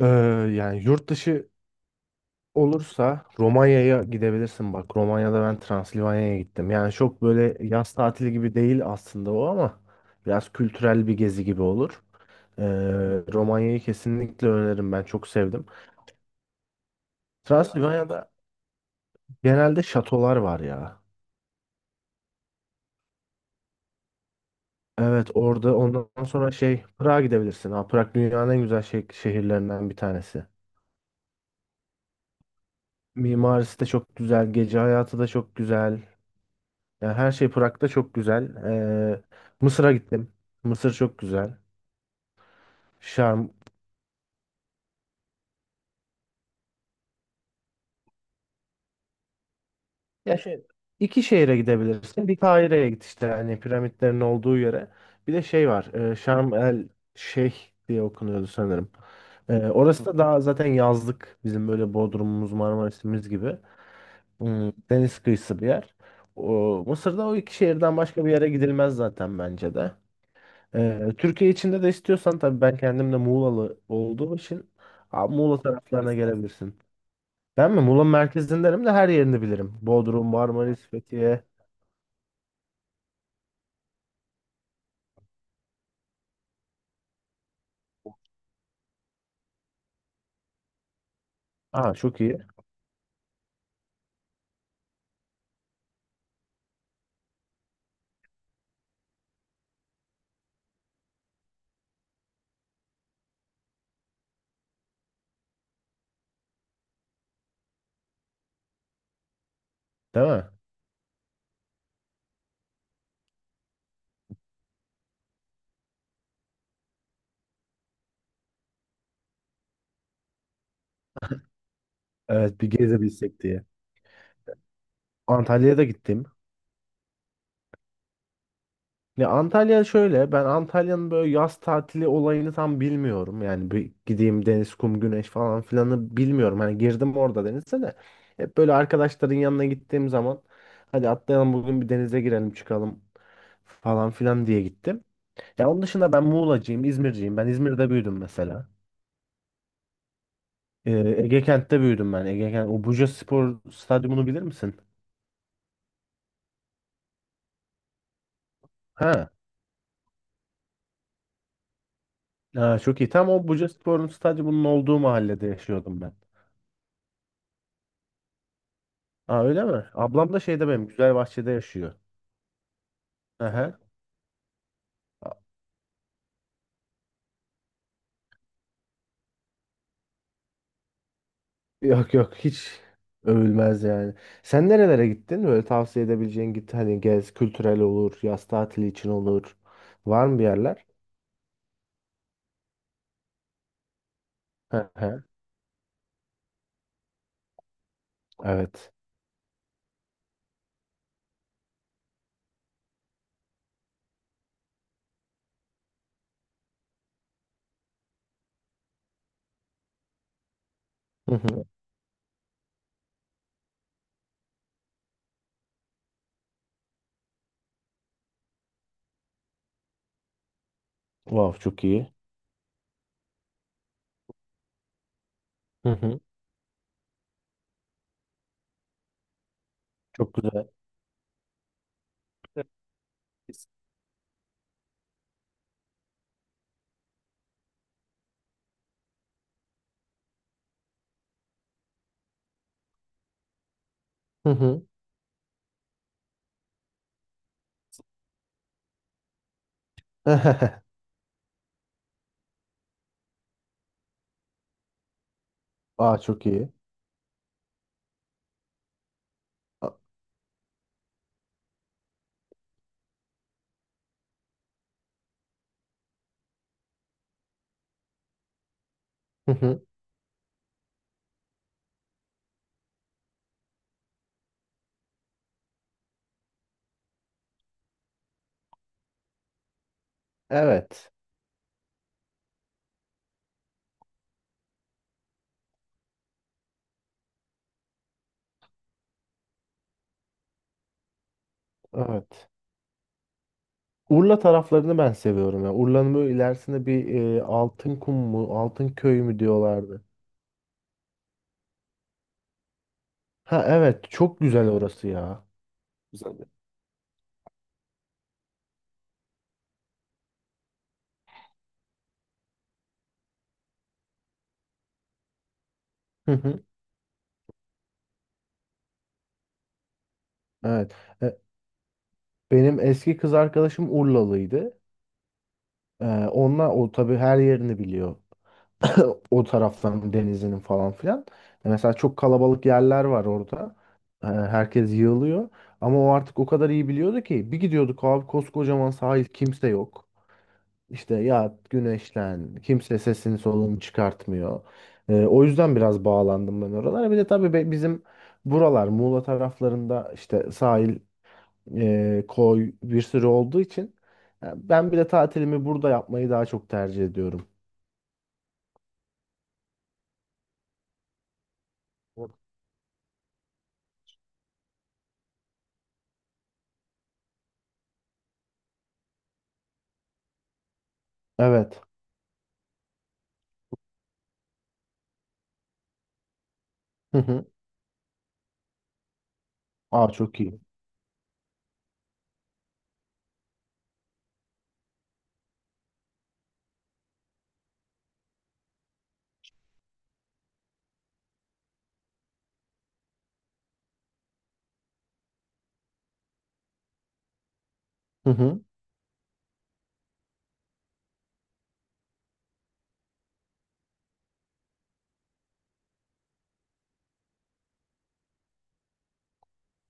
Ee, yani yurt dışı olursa Romanya'ya gidebilirsin bak. Romanya'da ben Transilvanya'ya gittim. Yani çok böyle yaz tatili gibi değil aslında o ama biraz kültürel bir gezi gibi olur. Ee, Romanya'yı kesinlikle öneririm, ben çok sevdim. Transilvanya'da genelde şatolar var ya. Evet, orada ondan sonra şey Prag'a gidebilirsin. Ha, Prag dünyanın en güzel şehirlerinden bir tanesi. Mimarisi de çok güzel, gece hayatı da çok güzel. Ya her şey Prag'da çok güzel. Ee, Mısır'a gittim. Mısır çok güzel. Şam. Ya şey, iki şehre gidebilirsin. Bir Kahire'ye git işte hani piramitlerin olduğu yere. Bir de şey var. Şarm El Şeyh diye okunuyordu sanırım. Orası da daha zaten yazlık. Bizim böyle Bodrum'umuz, Marmaris'imiz gibi. Hmm, deniz kıyısı bir yer. O, Mısır'da o iki şehirden başka bir yere gidilmez zaten bence de. Türkiye içinde de istiyorsan tabii, ben kendim de Muğlalı olduğum için Muğla taraflarına gelebilirsin. Ben mi? Muğla merkezindenim de her yerini bilirim. Bodrum, Marmaris, Fethiye. Aa, çok iyi. Değil mi? Evet, bir gezebilsek diye. Antalya'ya da gittim. Ya Antalya şöyle, ben Antalya'nın böyle yaz tatili olayını tam bilmiyorum. Yani bir gideyim deniz, kum, güneş falan filanı bilmiyorum. Hani girdim orada denize de. Hep böyle arkadaşların yanına gittiğim zaman hadi atlayalım bugün bir denize girelim çıkalım falan filan diye gittim. Ya onun dışında ben Muğlacıyım, İzmirciyim. Ben İzmir'de büyüdüm mesela. Ee, Ege Kent'te büyüdüm ben. Ege Kent, o Buca Spor Stadyumunu bilir misin? Ha. Ha, çok iyi. Tam o Buca Spor'un stadyumunun olduğu mahallede yaşıyordum ben. Aa, öyle mi? Ablam da şeyde benim, Güzelbahçe'de yaşıyor. Aha. Yok yok, hiç övülmez yani. Sen nerelere gittin? Böyle tavsiye edebileceğin, git hani gez, kültürel olur, yaz tatili için olur. Var mı bir yerler? Hı hı. Evet. Hı hı. Wow, çok iyi. Hı hı. Çok güzel. Evet. Hı hı. Aa, çok iyi. A- Hı hı. Evet. Evet. Urla taraflarını ben seviyorum ya. Urla'nın böyle ilerisinde bir Altınkum mu, Altınköy mü diyorlardı. Ha evet, çok güzel orası ya. Güzel ya. Hı hı. Evet. E, Benim eski kız arkadaşım Urlalıydı. E, onunla o tabii her yerini biliyor. O taraftan denizinin falan filan. E, mesela çok kalabalık yerler var orada. E, herkes yığılıyor. Ama o artık o kadar iyi biliyordu ki bir gidiyorduk abi, koskocaman sahil, kimse yok. İşte ya güneşlen, kimse sesini solunu çıkartmıyor. E, o yüzden biraz bağlandım ben oralara. Bir de tabii bizim buralar Muğla taraflarında işte sahil, koy bir sürü olduğu için, ben bir de tatilimi burada yapmayı daha çok tercih ediyorum. Evet. Aa, çok iyi. Hı hı.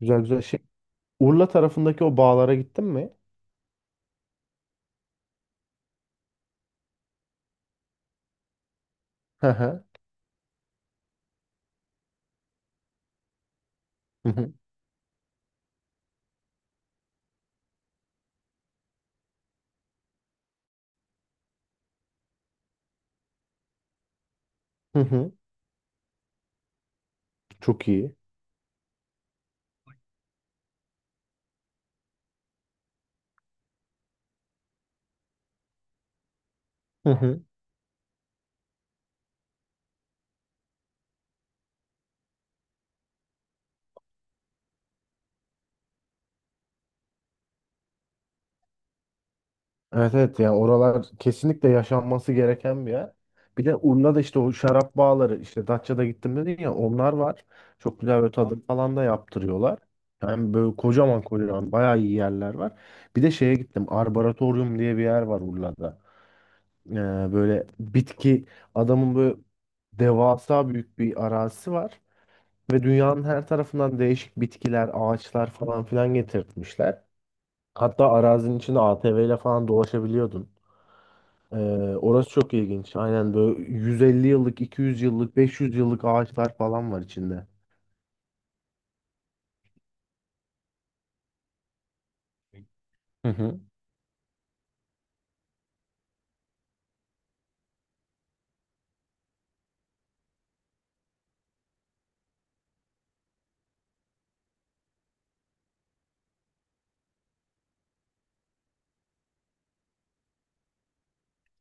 Güzel güzel şey. Urla tarafındaki o bağlara gittin mi? Hı hı. Hı hı. Hı hı. Çok iyi. Hı hı. Evet evet, yani oralar kesinlikle yaşanması gereken bir yer. Bir de Urla'da işte o şarap bağları, işte Datça'da gittim dedin ya, onlar var. Çok güzel, böyle tadım falan da yaptırıyorlar. Yani böyle kocaman kocaman bayağı iyi yerler var. Bir de şeye gittim. Arboretorium diye bir yer var Urla'da. Ee, Böyle bitki, adamın böyle devasa büyük bir arazisi var. Ve dünyanın her tarafından değişik bitkiler, ağaçlar falan filan getirtmişler. Hatta arazinin içinde ATV ile falan dolaşabiliyordun. Ee, Orası çok ilginç. Aynen böyle 150 yıllık, 200 yıllık, 500 yıllık ağaçlar falan var içinde. Hı hı.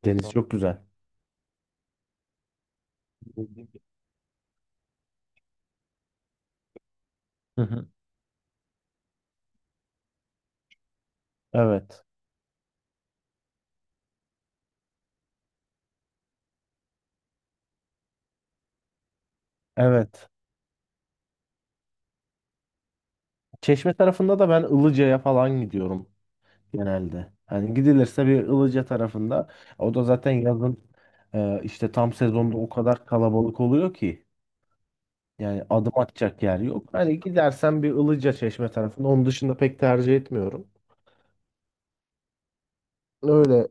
Deniz çok güzel. Hı hı. Evet. Evet. Çeşme tarafında da ben Ilıca'ya falan gidiyorum genelde. Hani gidilirse bir Ilıca tarafında, o da zaten yazın, işte tam sezonda o kadar kalabalık oluyor ki. Yani adım atacak yer yok. Hani gidersen bir Ilıca Çeşme tarafında. Onun dışında pek tercih etmiyorum. Öyle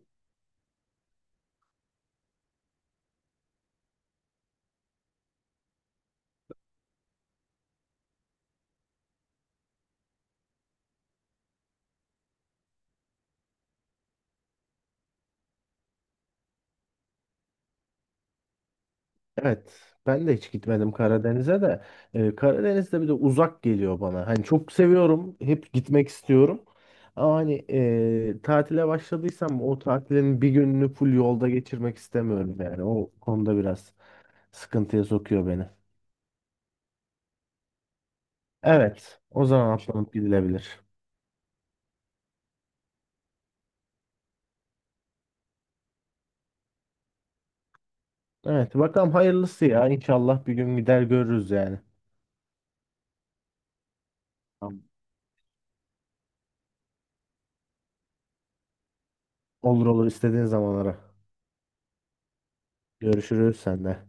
evet. Ben de hiç gitmedim Karadeniz'e de. Karadeniz'de bir de uzak geliyor bana. Hani çok seviyorum. Hep gitmek istiyorum. Ama hani, tatile başladıysam o tatilin bir gününü full yolda geçirmek istemiyorum yani. O konuda biraz sıkıntıya sokuyor beni. Evet. O zaman atlanıp gidilebilir. Evet. Bakalım hayırlısı ya. İnşallah bir gün gider görürüz yani. Tamam. Olur olur, istediğin zamanlara. Görüşürüz sende.